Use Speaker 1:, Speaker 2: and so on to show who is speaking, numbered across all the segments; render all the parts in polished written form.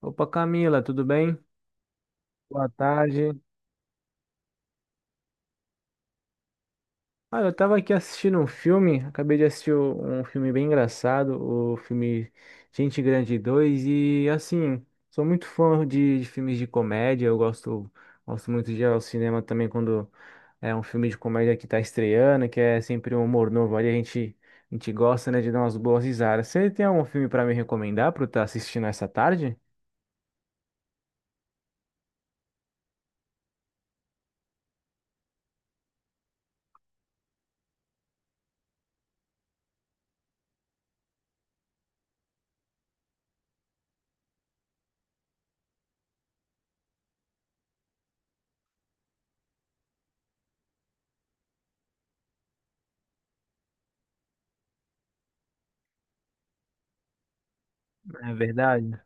Speaker 1: Opa, Camila, tudo bem? Boa tarde. Olha, eu tava aqui assistindo um filme, acabei de assistir um filme bem engraçado, o filme Gente Grande 2. E assim, sou muito fã de filmes de comédia, eu gosto muito de ir ao cinema também quando é um filme de comédia que tá estreando, que é sempre um humor novo ali, a gente gosta, né, de dar umas boas risadas. Você tem algum filme pra me recomendar pra eu estar assistindo essa tarde? É verdade?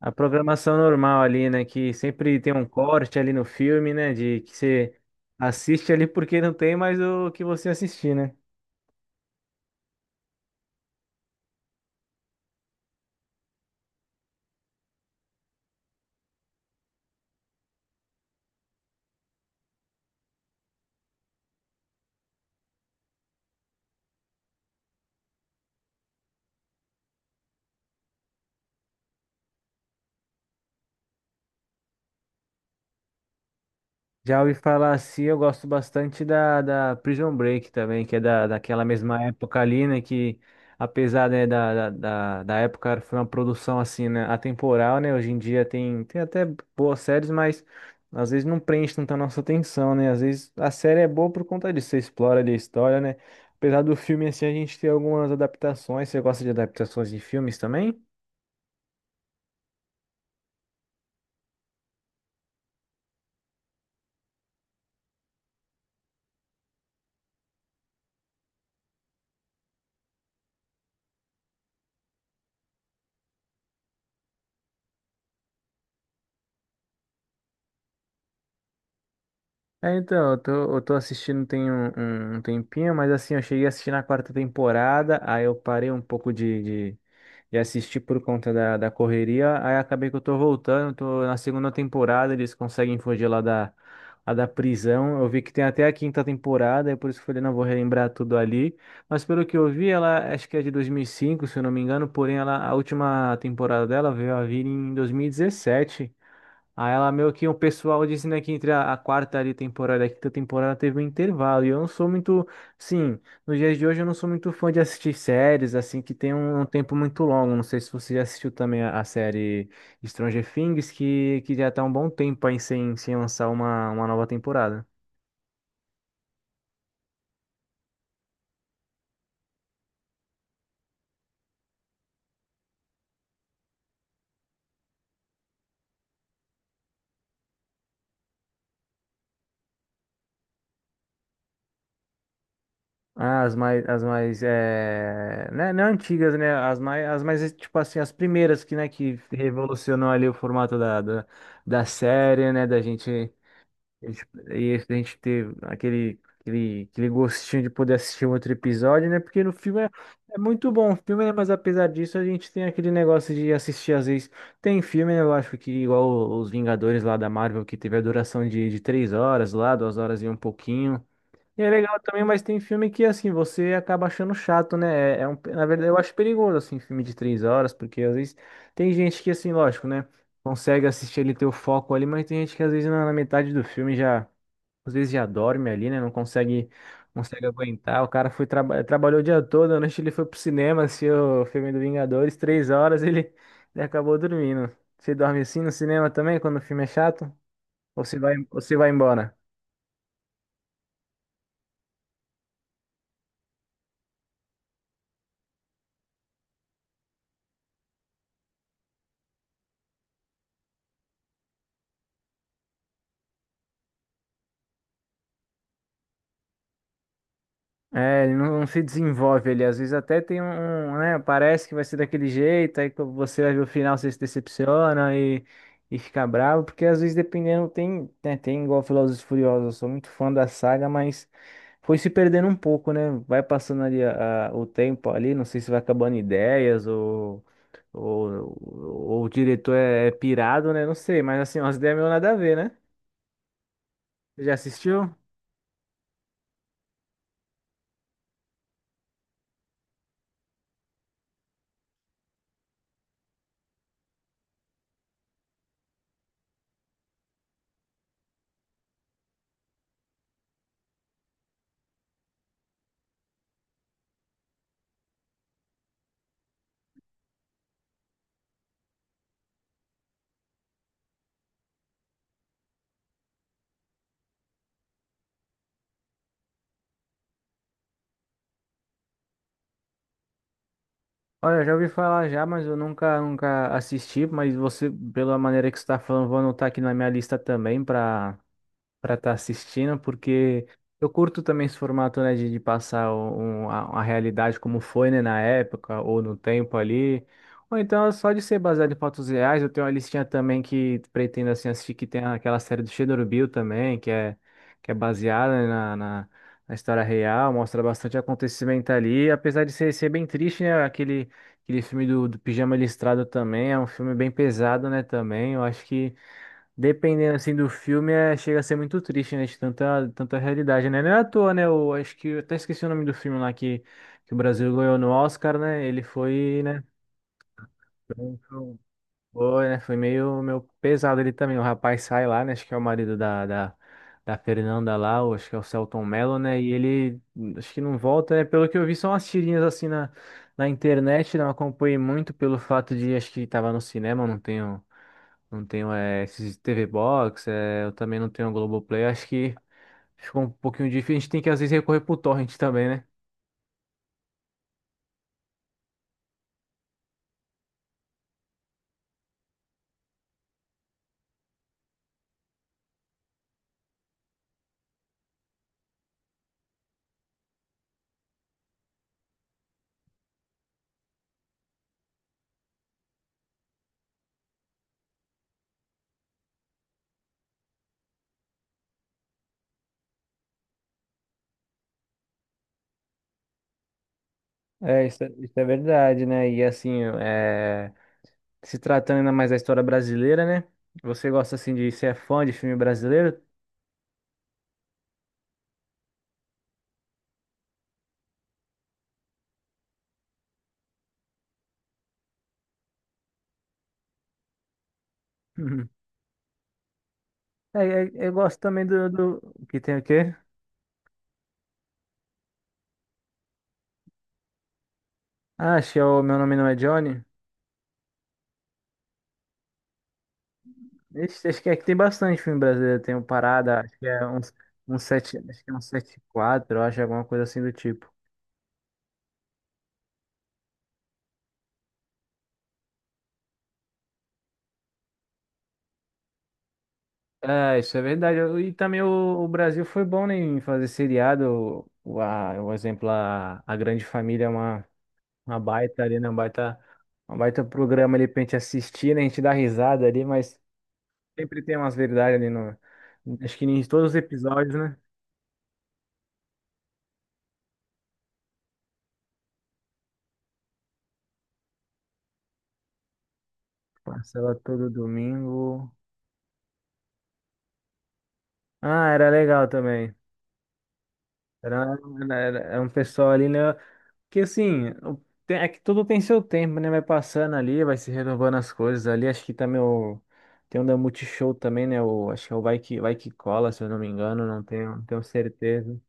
Speaker 1: A programação normal ali, né? Que sempre tem um corte ali no filme, né? De que você assiste ali porque não tem mais o que você assistir, né? Já ouvi falar assim, eu gosto bastante da Prison Break também, que é da, daquela mesma época ali, né? Que apesar, né, da época foi uma produção assim, né, atemporal, né? Hoje em dia tem até boas séries, mas às vezes não prende tanta nossa atenção, né? Às vezes a série é boa por conta disso, você explora ali a história, né? Apesar do filme assim, a gente tem algumas adaptações. Você gosta de adaptações de filmes também? É, então, eu tô assistindo tem um tempinho, mas assim, eu cheguei a assistir na quarta temporada, aí eu parei um pouco de assistir por conta da correria, aí acabei que eu tô voltando, tô na segunda temporada, eles conseguem fugir lá da prisão, eu vi que tem até a quinta temporada, é por isso que eu falei, não vou relembrar tudo ali, mas pelo que eu vi, ela acho que é de 2005, se eu não me engano, porém ela, a última temporada dela veio a vir em 2017. Aí ela meio que o pessoal dizendo que entre a, quarta ali temporada e a quinta temporada teve um intervalo. E eu não sou muito, sim, nos dias de hoje eu não sou muito fã de assistir séries assim que tem um tempo muito longo. Não sei se você já assistiu também a, série Stranger Things, que já tá um bom tempo aí sem lançar uma nova temporada. Ah, as mais, né, não antigas, né, as mais, tipo assim, as primeiras que, né, que revolucionou ali o formato da série, né, da gente. A gente- E a gente ter aquele gostinho de poder assistir um outro episódio, né? Porque no filme é muito bom o filme, né? Mas apesar disso, a gente tem aquele negócio de assistir às vezes. Tem filme, né? Eu acho que igual os Vingadores lá da Marvel, que teve a duração de 3 horas lá, 2 horas e um pouquinho. E é legal também, mas tem filme que, assim, você acaba achando chato, né? É um, na verdade, eu acho perigoso, assim, filme de 3 horas, porque às vezes tem gente que, assim, lógico, né? Consegue assistir ele ter o foco ali, mas tem gente que às vezes na metade do filme já, às vezes já dorme ali, né? Não consegue aguentar. O cara foi trabalhou o dia todo, à noite ele foi pro cinema, assistiu o filme do Vingadores, 3 horas, ele acabou dormindo. Você dorme assim no cinema também, quando o filme é chato? Ou você vai embora? É, ele não se desenvolve ele. Às vezes até tem um, né? Parece que vai ser daquele jeito, aí quando você vai ver o final, você se decepciona e fica bravo, porque às vezes dependendo tem, né, tem igual Velozes e Furiosos, eu sou muito fã da saga, mas foi se perdendo um pouco, né? Vai passando ali o tempo ali, não sei se vai acabando ideias ou o diretor é pirado, né? Não sei, mas assim, umas ideias meio nada a ver, né? Você já assistiu? Olha, eu já ouvi falar já, mas eu nunca assisti. Mas você, pela maneira que você está falando, vou anotar aqui na minha lista também para estar assistindo, porque eu curto também esse formato, né, de passar a, realidade como foi, né, na época ou no tempo ali. Ou então, só de ser baseado em fatos reais, eu tenho uma listinha também que pretendo, assim, assistir, que tem aquela série do Chernobyl também, que é, baseada, né, na história real, mostra bastante acontecimento ali, apesar de ser bem triste, né, aquele filme do Pijama Listrado também, é um filme bem pesado, né, também, eu acho que dependendo assim do filme, chega a ser muito triste, né? De tanta, tanta realidade, né? Não é à toa, né? Eu acho que eu até esqueci o nome do filme lá que o Brasil ganhou no Oscar, né? Ele foi, né? Foi, foi- foi, né? Foi meio pesado ele também. O rapaz sai lá, né? Acho que é o marido da, da Fernanda lá, ou acho que é o Celton Mello, né? E ele acho que não volta, né? Pelo que eu vi, são umas tirinhas assim na internet, não acompanhei muito pelo fato de acho que tava no cinema, não tenho. Não tenho esses TV Box, eu também não tenho a Globoplay. Acho que ficou um pouquinho difícil. A gente tem que às vezes recorrer pro torrent também, né? É, isso, é isso é verdade, né? E assim, se tratando ainda mais da história brasileira, né? Você gosta assim de ser fã de filme brasileiro? Uhum. É, eu gosto também que tem o quê? Ah, acho que é o Meu Nome Não é Johnny. Ixi, acho que tem bastante filme brasileiro. Tem o Parada, acho que é uns sete, acho que é um 74, eu acho, alguma coisa assim do tipo. É, isso é verdade. E também o Brasil foi bom, né, em fazer seriado. O exemplo, a Grande Família é uma baita ali, né? Um baita programa ali pra gente assistir, né? A gente dá risada ali, mas sempre tem umas verdades ali no. Acho que em todos os episódios, né? Passava todo domingo. Ah, era legal também. Era, era um pessoal ali, né? Que assim, é que tudo tem seu tempo, né? Vai passando ali, vai se renovando as coisas ali. Acho que também o. Tem um da Multishow também, né? O, acho que é o Vai Que, Vai Que Cola, se eu não me engano, não tenho certeza.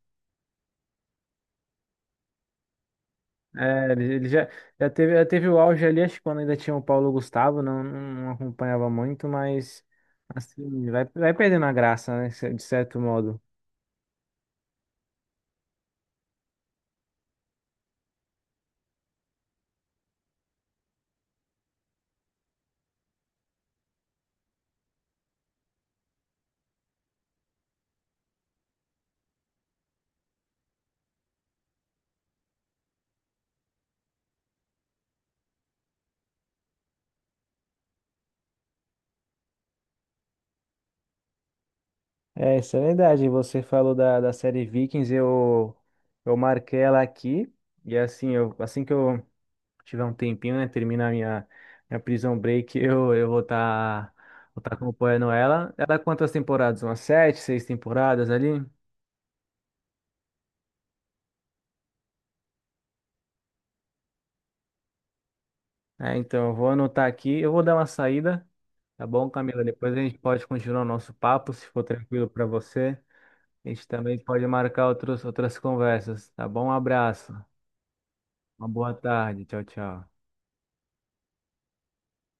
Speaker 1: É, ele já, já teve o auge ali, acho que quando ainda tinha o Paulo Gustavo, não acompanhava muito, mas assim, vai perdendo a graça, né? De certo modo. É, isso é verdade. Você falou da, série Vikings, eu marquei ela aqui. E assim, assim que eu tiver um tempinho, né? Terminar minha Prison Break, eu vou tá acompanhando ela. Ela é quantas temporadas? Umas sete, seis temporadas ali? É, então, eu vou anotar aqui. Eu vou dar uma saída, tá bom, Camila? Depois a gente pode continuar o nosso papo, se for tranquilo para você. A gente também pode marcar outros, outras conversas, tá bom? Um abraço, uma boa tarde. Tchau, tchau.